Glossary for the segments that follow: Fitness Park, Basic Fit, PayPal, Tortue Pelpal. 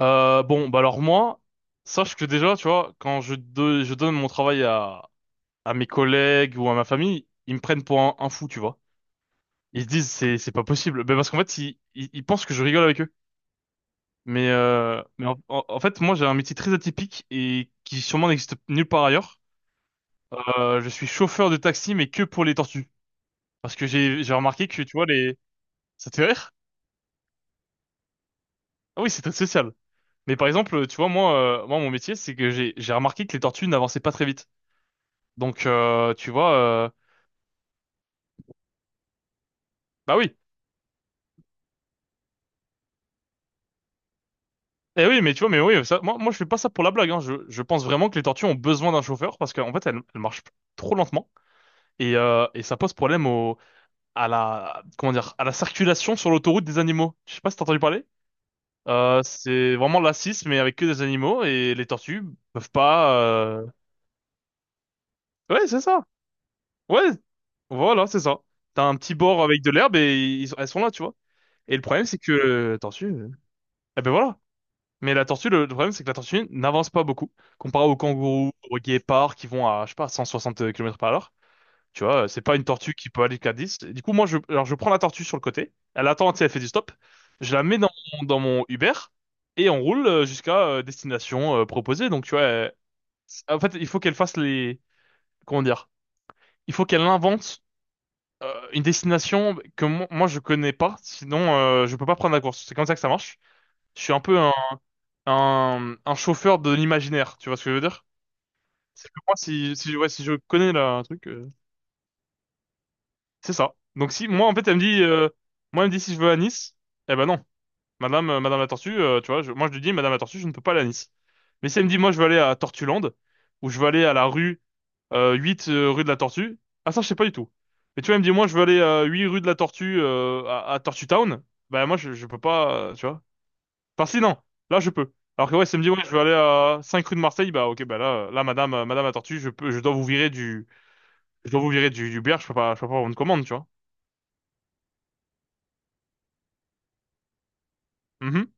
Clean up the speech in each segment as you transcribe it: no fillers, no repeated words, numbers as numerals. Bon, bah alors moi, sache que déjà, tu vois, quand je donne mon travail à mes collègues ou à ma famille, ils me prennent pour un fou, tu vois. Ils se disent, c'est pas possible. Ben parce qu'en fait, ils pensent que je rigole avec eux. Mais en fait, moi, j'ai un métier très atypique et qui sûrement n'existe nulle part ailleurs. Je suis chauffeur de taxi, mais que pour les tortues. Parce que j'ai remarqué que, tu vois, les... Ça te fait rire? Ah oui, c'est très social. Mais par exemple, tu vois, moi, mon métier, c'est que j'ai remarqué que les tortues n'avançaient pas très vite. Donc, tu vois, euh, bah oui. Eh oui, mais tu vois, mais oui, ça, moi, je fais pas ça pour la blague. Hein. Je pense vraiment que les tortues ont besoin d'un chauffeur parce qu'en fait, elles marchent trop lentement et ça pose problème à la, comment dire, à la circulation sur l'autoroute des animaux. Je sais pas si t'as entendu parler. C'est vraiment la 6, mais avec que des animaux et les tortues peuvent pas. Ouais, c'est ça. Ouais, voilà, c'est ça. T'as un petit bord avec de l'herbe et elles sont là, tu vois. Et le problème, c'est que eh ben voilà. Mais la tortue, le problème, c'est que la tortue n'avance pas beaucoup. Comparé aux kangourous, aux guépards qui vont à, je sais pas, 160 km par heure. Tu vois, c'est pas une tortue qui peut aller qu'à 10. Du coup, moi, alors, je prends la tortue sur le côté. Elle attend, tu sais, elle fait du stop. Je la mets dans, mon- Dans mon Uber et on roule jusqu'à destination proposée. Donc, tu vois, en fait, il faut qu'elle fasse les, comment dire, il faut qu'elle invente une destination que moi, je connais pas. Sinon, je peux pas prendre la course. C'est comme ça que ça marche. Je suis un peu un chauffeur de l'imaginaire, tu vois ce que je veux dire? C'est que moi, si, ouais, si je connais là, un truc, c'est ça. Donc si, moi, en fait, elle me dit, moi, elle me dit si je veux à Nice, eh ben non. Madame la Tortue, tu vois, moi, je lui dis, Madame la Tortue, je ne peux pas aller à Nice. Mais si elle me dit, moi, je veux aller à Tortuland, ou je veux aller à la rue 8 rue de la Tortue, ah ça, je sais pas du tout. Et tu vois, elle me dit, moi, je veux aller à 8 rue de la Tortue à Tortue Town, bah moi, je peux pas, tu vois. Enfin, si, non, là, je peux. Alors que, ouais, ça me dit, ouais, je veux aller à 5 rue de Marseille, bah, ok, bah là, madame la tortue, je peux, je dois vous virer du bière, je peux pas avoir une commande, tu vois. Mhm.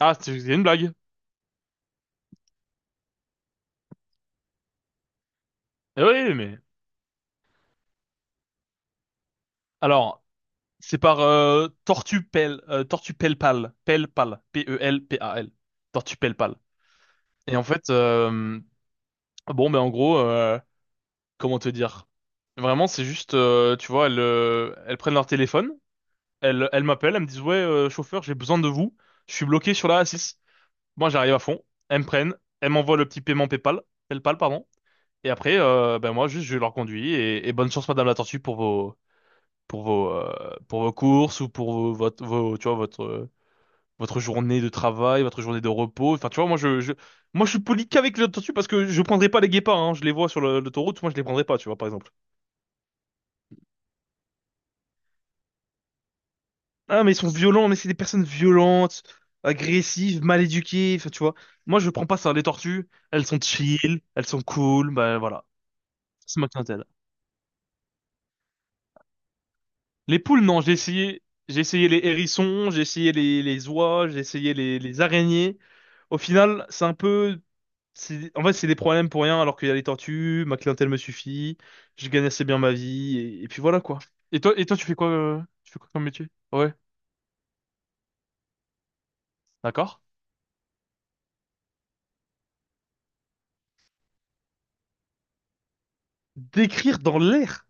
Ah, c'est une blague. Eh oui, mais. Alors, c'est par Tortue Pelpal, Pelpal, P-E-L-P-A-L, Tortue Pelpal. Et en fait, bon, mais en gros, comment te dire? Vraiment, c'est juste, tu vois, elles prennent leur téléphone. Elle m'appelle, elle me dit, ouais, chauffeur, j'ai besoin de vous. Je suis bloqué sur la A6. Moi, j'arrive à fond. Elles me prennent. Elles m'envoient le petit paiement PayPal. PayPal, pardon. Et après, ben moi, juste, je leur conduis. Et bonne chance, Madame la Tortue, pour vos, pour vos courses ou pour vos, votre, vos- tu vois, votre journée de travail, votre journée de repos. Enfin, tu vois, moi, je, moi, je suis poli qu'avec la Tortue parce que je prendrai pas les guépards, hein. Je les vois sur l'autoroute. Moi, je les prendrai pas, tu vois, par exemple. Ah, mais ils sont violents, mais c'est des personnes violentes, agressives, mal éduquées, enfin, tu vois. Moi, je prends pas ça. Les tortues, elles sont chill, elles sont cool, bah voilà. C'est ma clientèle. Les poules, non, j'ai essayé les hérissons, j'ai essayé les oies, j'ai essayé les araignées. Au final, c'est un peu, c'est, en fait, c'est des problèmes pour rien, alors qu'il y a les tortues, ma clientèle me suffit, je gagne assez bien ma vie, et puis voilà, quoi. Et toi, tu fais quoi comme métier? Ouais, d'accord. D'écrire dans l'air.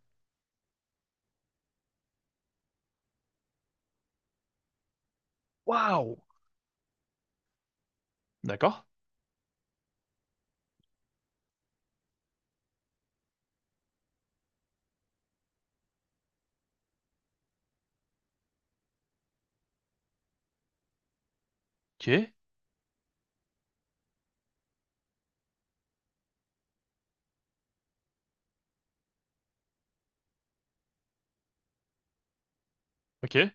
Waouh! D'accord. Ok, ok.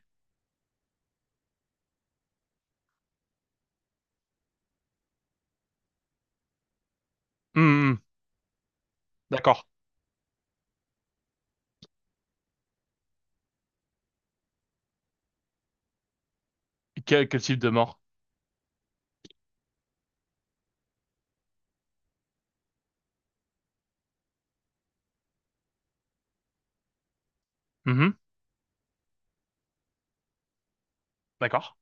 Hmm, d'accord. Quel type de mort? Mhm, d'accord.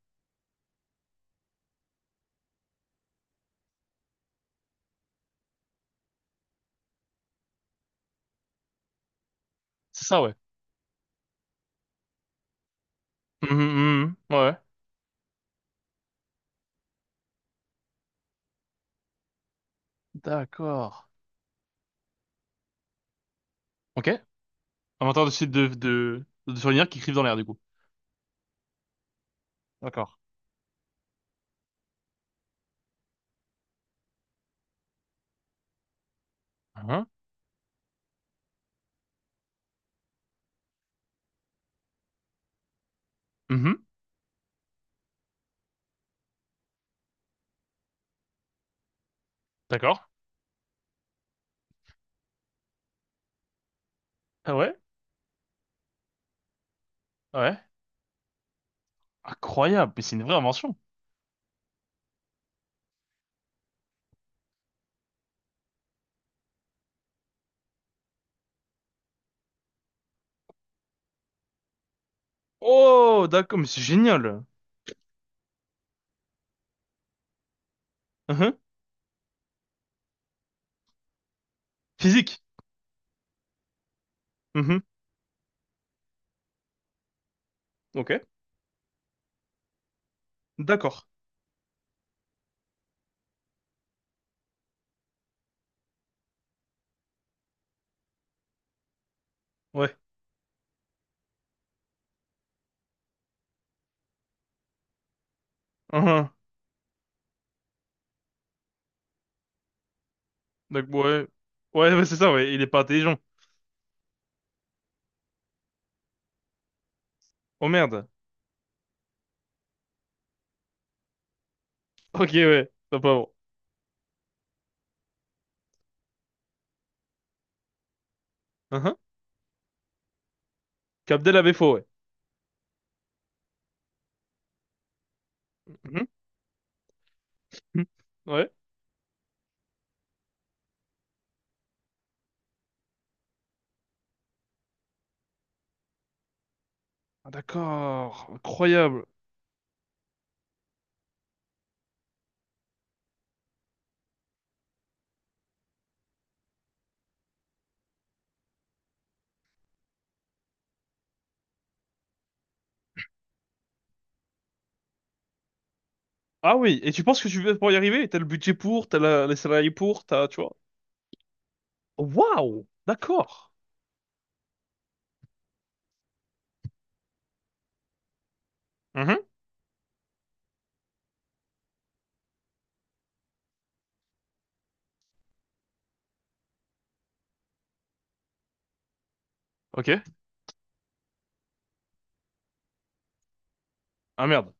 C'est ça, ouais. Mhm, mhm, mhm, ouais. D'accord. Ok. Inventeur de sites de souvenirs qui crivent dans l'air, du coup. D'accord. Mhm, mhm, d'accord. Ah ouais? Ah ouais. Incroyable, mais c'est une vraie invention. Oh, d'accord, mais c'est génial. Mhm. Physique. Mhm, ok. D'accord. Ouais. Mhm. Donc, ouais. Ouais, ouais, c'est ça, ouais. Il est pas intelligent. Oh merde. Ok, ouais. Pas pauvre. Mhm. Capdel a ouais. Hum, hum. Hmm. Ouais. Ah, d'accord, incroyable. Ah oui, et tu penses que tu veux pour y arriver? T'as le budget pour, t'as les salariés pour, t'as, tu vois? Waouh! D'accord. Mhm. Ok. Ah merde.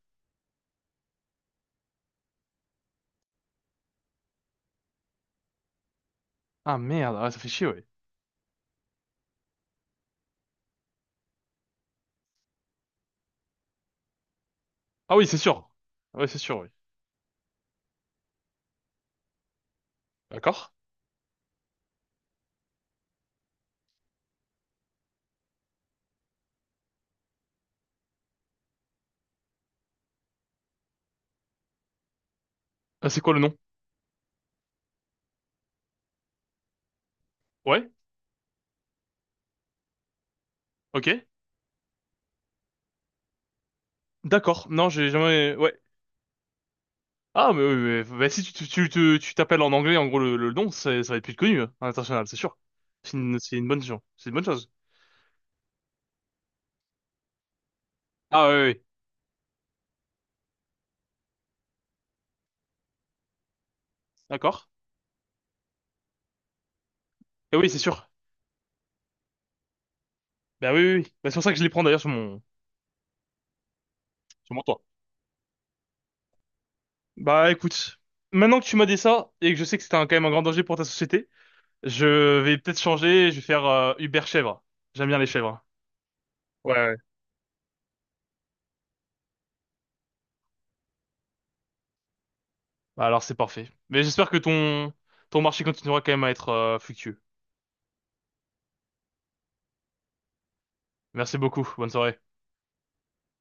Ah merde, ah, ça fait chier, ouais. Ah oui, c'est sûr. Ouais, c'est sûr, oui. D'accord. Ah, c'est quoi le nom? Ouais. Ok. D'accord. Non, j'ai jamais. Ouais. Ah, mais, oui, bah, si tu t'appelles en anglais, en gros, le nom, c'est- ça va être plus connu hein, à l'international, c'est sûr. C'est une bonne chose. C'est une bonne chose. Ah oui, oui. D'accord. Et oui, c'est sûr. Bah oui, oui, oui. Bah, c'est pour ça que je les prends d'ailleurs sur mon toit. Bah écoute, maintenant que tu m'as dit ça, et que je sais que c'était quand même un grand danger pour ta société, je vais peut-être changer, je vais faire Uber chèvre. J'aime bien les chèvres. Ouais, ouais. Bah, alors c'est parfait. Mais j'espère que ton marché continuera quand même à être fructueux. Merci beaucoup, bonne soirée.